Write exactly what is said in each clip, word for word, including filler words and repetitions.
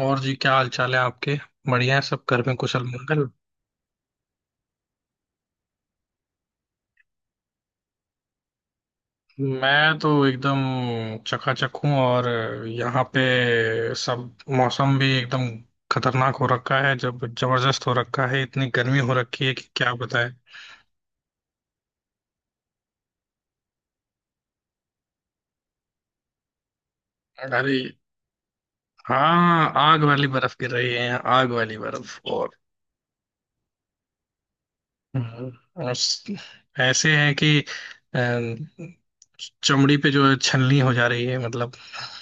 और जी, क्या हाल चाल है आपके? बढ़िया है, सब घर में कुशल मंगल। मैं तो एकदम चकाचक हूँ। और यहाँ पे सब मौसम भी एकदम खतरनाक हो रखा है, जब जबरदस्त हो रखा है, इतनी गर्मी हो रखी है कि क्या बताएं। अरे हाँ, आग वाली बर्फ गिर रही है यहाँ, आग वाली बर्फ। और हम्म, उस- ऐसे है कि अ, चमड़ी पे जो है छलनी हो जा रही है मतलब।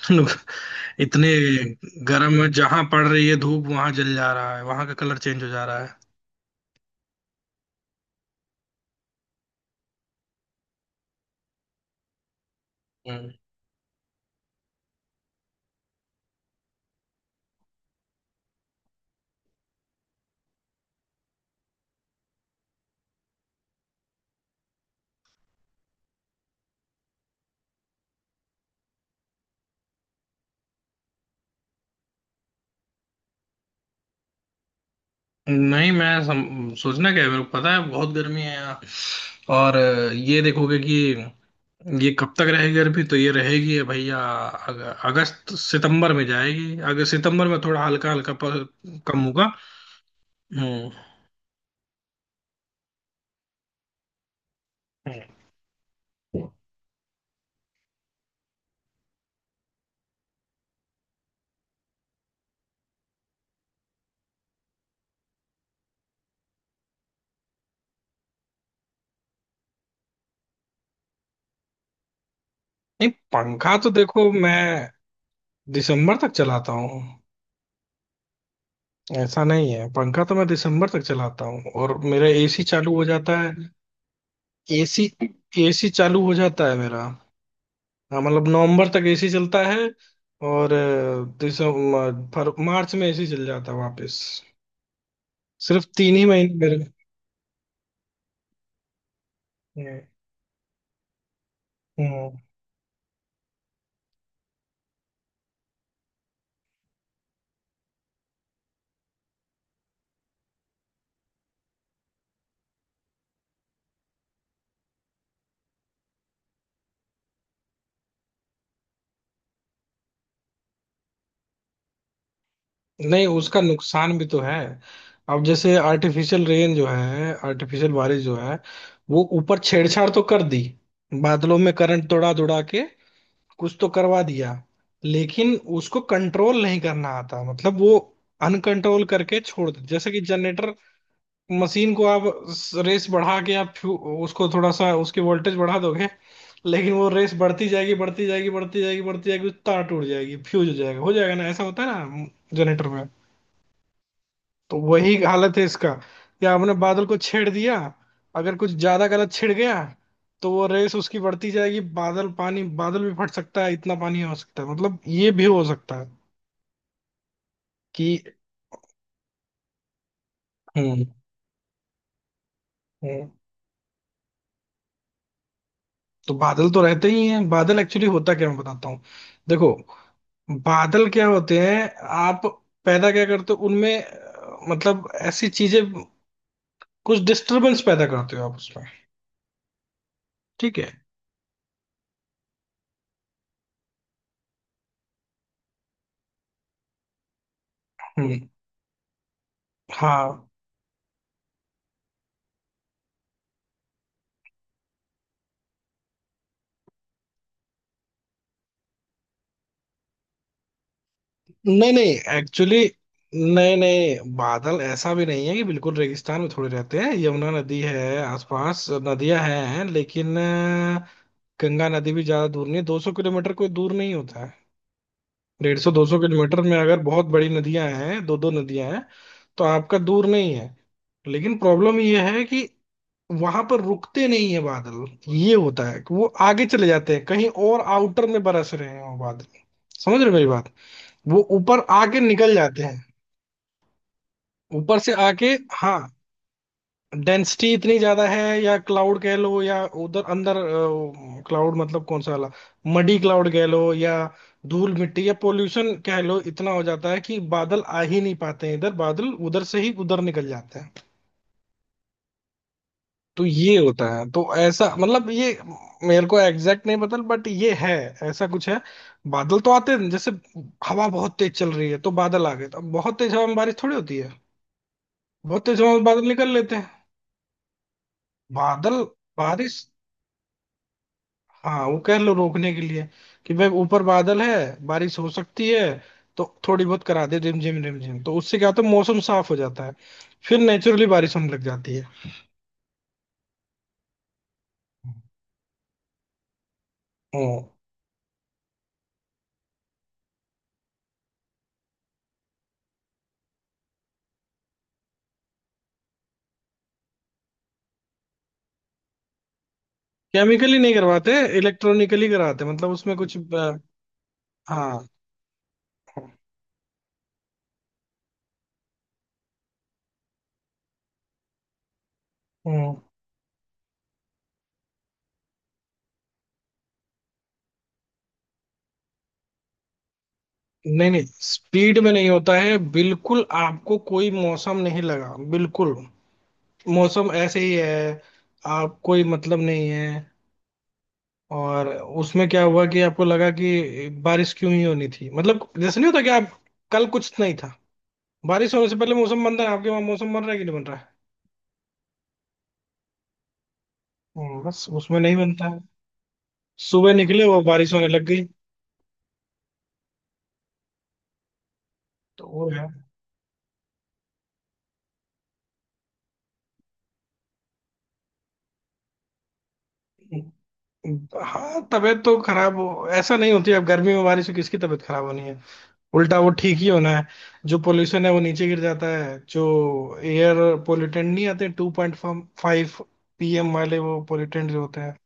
इतने गर्म में जहां पड़ रही है धूप, वहां जल जा रहा है, वहां का कलर चेंज हो जा रहा है। हम्म। नहीं, मैं सम, सोचना क्या है, मेरे को पता है बहुत गर्मी है यहाँ। और अ, ये देखोगे कि ये कब तक रहेगी गर्मी, तो ये रहेगी भैया अग, अगस्त सितंबर में जाएगी। अगस्त सितंबर में थोड़ा हल्का हल्का प- कम होगा। हम्म। हम्म। नहीं पंखा तो देखो, मैं दिसंबर तक चलाता हूँ। ऐसा नहीं है, पंखा तो मैं दिसंबर तक चलाता हूँ, और मेरा एसी चालू हो जाता है। एसी एसी चालू हो जाता है मेरा। हाँ, मतलब नवंबर तक एसी चलता है। और अ, दिसंबर फर, मार्च में एसी चल जाता है वापस। सिर्फ तीन ही महीने मेरे। हम्म। हम्म। नहीं, उसका नुकसान भी तो है। अब जैसे आर्टिफिशियल रेन जो है, आर्टिफिशियल बारिश जो है, वो ऊपर छेड़छाड़ तो कर दी, बादलों में करंट दौड़ा दौड़ा के कुछ तो करवा दिया। लेकिन उसको कंट्रोल नहीं करना आता, मतलब वो अनकंट्रोल करके छोड़ देते। जैसे कि जनरेटर मशीन को आप रेस बढ़ा के आप फ्यू- उसको थोड़ा सा उसकी वोल्टेज बढ़ा दोगे, लेकिन वो रेस बढ़ती जाएगी, बढ़ती जाएगी, बढ़ती जाएगी, बढ़ती जाएगी, तार टूट जाएगी, फ्यूज हो जाएगा, हो जाएगा ना, ऐसा होता है ना जनरेटर में। तो वही हालत है इसका, या हमने बादल को छेड़ दिया, अगर कुछ ज्यादा गलत छिड़ गया, तो वो रेस उसकी बढ़ती जाएगी, बादल पानी, बादल भी फट सकता है, इतना पानी हो सकता है, मतलब ये भी हो सकता है कि। हम्म। हम्म। तो बादल तो रहते ही हैं। बादल एक्चुअली होता क्या, मैं बताता हूँ। देखो, बादल क्या होते हैं? आप पैदा क्या करते हो उनमें अ, मतलब ऐसी चीजें, कुछ डिस्टरबेंस पैदा करते हो आप उसमें, ठीक है? हम्म। हाँ। नहीं नहीं, एक्चुअली नहीं नहीं, बादल ऐसा भी नहीं है कि बिल्कुल रेगिस्तान में थोड़े रहते हैं, यमुना नदी है, आसपास नदियां हैं, लेकिन अ, गंगा नदी भी ज्यादा दूर नहीं है। दो सौ किलोमीटर कोई दूर नहीं होता है। डेढ़ सौ दो सौ किलोमीटर में अगर बहुत बड़ी नदियां हैं, दो दो नदियां हैं, तो आपका दूर नहीं है। लेकिन प्रॉब्लम ये है कि वहां पर रुकते नहीं है बादल। ये होता है कि वो आगे चले जाते हैं, कहीं और आउटर में बरस रहे हैं वो बादल। समझ रहे हो मेरी बात? वो ऊपर आके निकल जाते हैं, ऊपर से आके। हाँ, डेंसिटी इतनी ज्यादा है, या क्लाउड कह लो या उधर अंदर, क्लाउड मतलब कौन सा वाला, मडी क्लाउड कह लो, या धूल मिट्टी या पोल्यूशन कह लो, इतना हो जाता है कि बादल आ ही नहीं पाते हैं इधर। बादल उधर से ही उधर निकल जाते हैं। तो ये होता है, तो ऐसा, मतलब ये मेरे को एग्जैक्ट नहीं पता, बट ये है, ऐसा कुछ है। बादल तो आते हैं, जैसे हवा बहुत तेज चल रही है तो बादल आ गए, तो अब बहुत तेज हवा में बारिश थोड़ी होती है, बहुत तेज हवा में बादल निकल लेते हैं बादल। बारिश, हाँ वो कह लो रोकने के लिए, कि भाई ऊपर बादल है, बारिश हो सकती है, तो थोड़ी बहुत करा दे रिमझिम रिमझिम, तो उससे क्या होता है, मौसम साफ हो जाता है, फिर नेचुरली बारिश होने लग जाती है। ओ। केमिकली नहीं करवाते, इलेक्ट्रॉनिकली कराते, मतलब उसमें कुछ अ, हाँ। हम्म, नहीं नहीं, स्पीड में नहीं होता है, बिल्कुल आपको कोई मौसम नहीं लगा, बिल्कुल मौसम ऐसे ही है, आप कोई मतलब नहीं है, और उसमें क्या हुआ कि आपको लगा कि बारिश क्यों ही होनी थी, मतलब जैसे नहीं होता कि आप, कल कुछ नहीं था। बारिश होने से पहले मौसम बनता है, आपके वहां मौसम बन रहा है कि नहीं बन रहा है? हम्म, बस, उसमें नहीं बनता है। सुबह निकले, वो बारिश होने लग गई, तो वो है। हाँ, तबीयत तो खराब हो ऐसा नहीं होती, अब गर्मी में बारिश से किसकी तबीयत खराब होनी है, उल्टा वो ठीक ही होना है। जो पोल्यूशन है वो नीचे गिर जाता है, जो एयर पोल्यूटेंट नहीं आते, two point five P M वाले, वो पोल्यूटेंट जो होते हैं।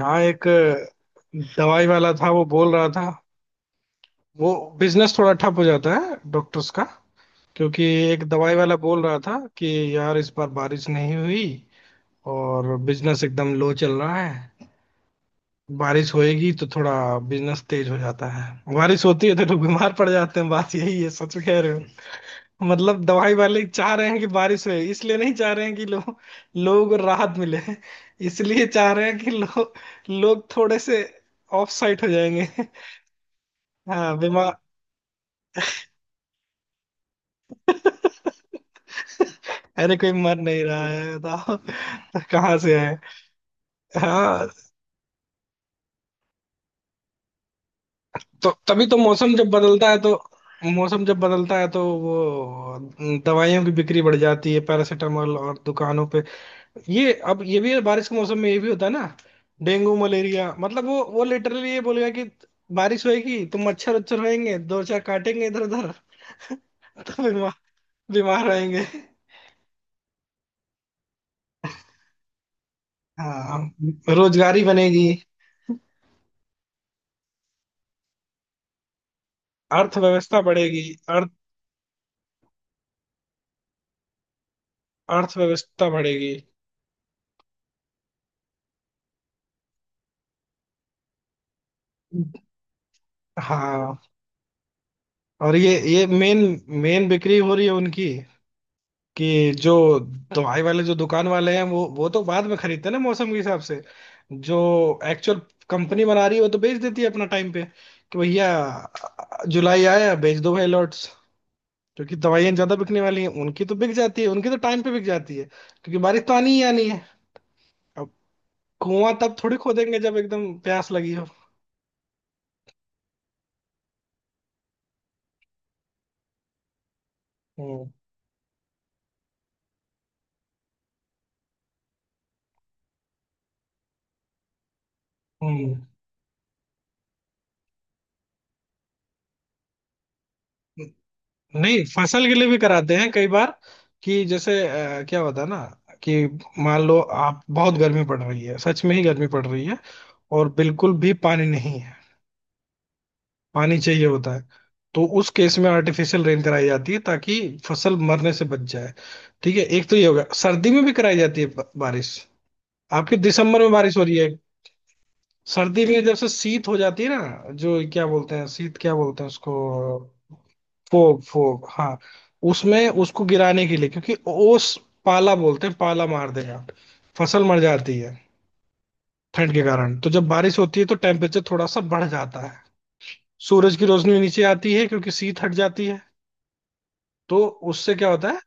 हाँ, एक दवाई वाला था, वो बोल रहा था। वो बिजनेस थोड़ा ठप हो जाता है डॉक्टर्स का, क्योंकि एक दवाई वाला बोल रहा था कि यार, इस बार बारिश नहीं हुई और बिजनेस एकदम लो चल रहा है। बारिश होएगी तो थोड़ा बिजनेस तेज हो जाता है, बारिश होती है तो लोग बीमार पड़ जाते हैं, बात यही है। सच कह रहे हो, मतलब दवाई वाले चाह रहे हैं कि बारिश होए, इसलिए नहीं चाह रहे हैं कि लोग लोगों को राहत मिले, इसलिए चाह रहे हैं कि लोग, लोग थोड़े से ऑफ साइट हो जाएंगे। हाँ, बीमार। अरे कोई मर नहीं रहा है बताओ। कहाँ से है। हाँ। तो तभी तो मौसम जब बदलता है तो, मौसम जब बदलता है तो वो दवाइयों की बिक्री बढ़ जाती है, पैरासीटामोल और दुकानों पे। ये, अब ये भी है, बारिश के मौसम में ये भी होता है ना, डेंगू, मलेरिया, मतलब वो वो लिटरली ये बोलेगा कि बारिश होएगी तो मच्छर उच्छर होएंगे, दो चार काटेंगे इधर उधर। तो बीमार, बीमार रहेंगे। हाँ। रोजगारी बनेगी, अर्थव्यवस्था बढ़ेगी। अर्थव्यवस्था बढ़ेगी। हाँ। और ये ये मेन मेन बिक्री हो रही है उनकी। कि जो दवाई वाले, जो दुकान वाले हैं, वो वो तो बाद में खरीदते हैं ना मौसम के हिसाब से। जो एक्चुअल कंपनी बना रही है वो तो बेच देती है अपना टाइम पे, कि भैया जुलाई आया, बेच दो भाई लॉट्स, क्योंकि दवाइयाँ ज्यादा बिकने वाली हैं। उनकी तो बिक जाती है, उनकी तो टाइम पे बिक जाती है, क्योंकि बारिश तो आनी ही आनी है। अब कुआं तब थोड़ी खोदेंगे जब एकदम प्यास लगी हो। हम्म। हम्म। नहीं, फसल के लिए भी कराते हैं कई बार। कि जैसे अ, क्या होता है ना कि मान लो आप, बहुत गर्मी पड़ रही है, सच में ही गर्मी पड़ रही है, और बिल्कुल भी पानी नहीं है, पानी चाहिए होता है, तो उस केस में आर्टिफिशियल रेन कराई जाती है ताकि फसल मरने से बच जाए, ठीक है। एक तो ये हो गया, सर्दी में भी कराई जाती है ब- बारिश। आपके दिसंबर में बारिश हो रही है। सर्दी में जब से शीत हो जाती है ना, जो क्या बोलते हैं शीत, क्या बोलते हैं उसको, फोग, फोग, हाँ। उसमें, उसको गिराने के लिए, क्योंकि ओस, पाला बोलते हैं, पाला मार देगा, फसल मर जाती है ठंड के कारण। तो जब बारिश होती है तो टेम्परेचर थोड़ा सा बढ़ जाता है, सूरज की रोशनी नीचे आती है क्योंकि शीत हट जाती है, तो उससे क्या होता है,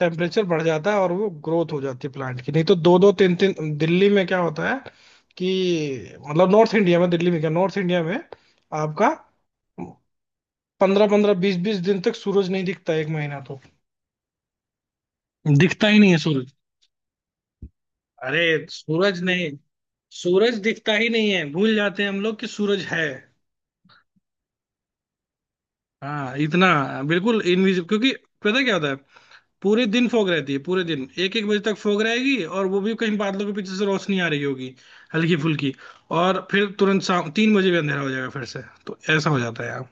टेम्परेचर बढ़ जाता है और वो ग्रोथ हो जाती है प्लांट की। नहीं तो दो दो तीन तीन, दिल्ली में क्या होता है कि, मतलब नॉर्थ इंडिया में, दिल्ली में क्या, नॉर्थ इंडिया में आपका पंद्रह पंद्रह बीस बीस दिन तक सूरज नहीं दिखता, एक महीना तो दिखता ही नहीं है सूरज। अरे सूरज नहीं, सूरज दिखता ही नहीं है, भूल जाते हैं हम लोग कि सूरज है। हाँ इतना, बिल्कुल इनविजिबल, क्योंकि पता क्या होता है, पूरे दिन फॉग रहती है, पूरे दिन एक एक बजे तक फॉग रहेगी, और वो भी कहीं बादलों के पीछे से रोशनी आ रही होगी हल्की फुल्की, और फिर तुरंत शाम तीन बजे भी अंधेरा हो जाएगा फिर से, तो ऐसा हो जाता है यार।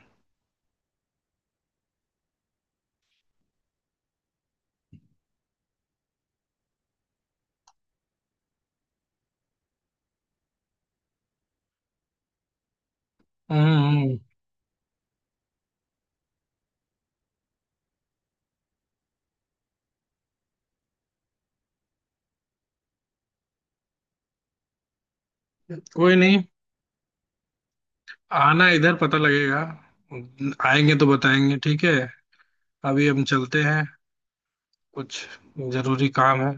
हम्म। हम्म। कोई नहीं, आना इधर, पता लगेगा। आएंगे तो बताएंगे, ठीक है। अभी हम चलते हैं, कुछ जरूरी काम है।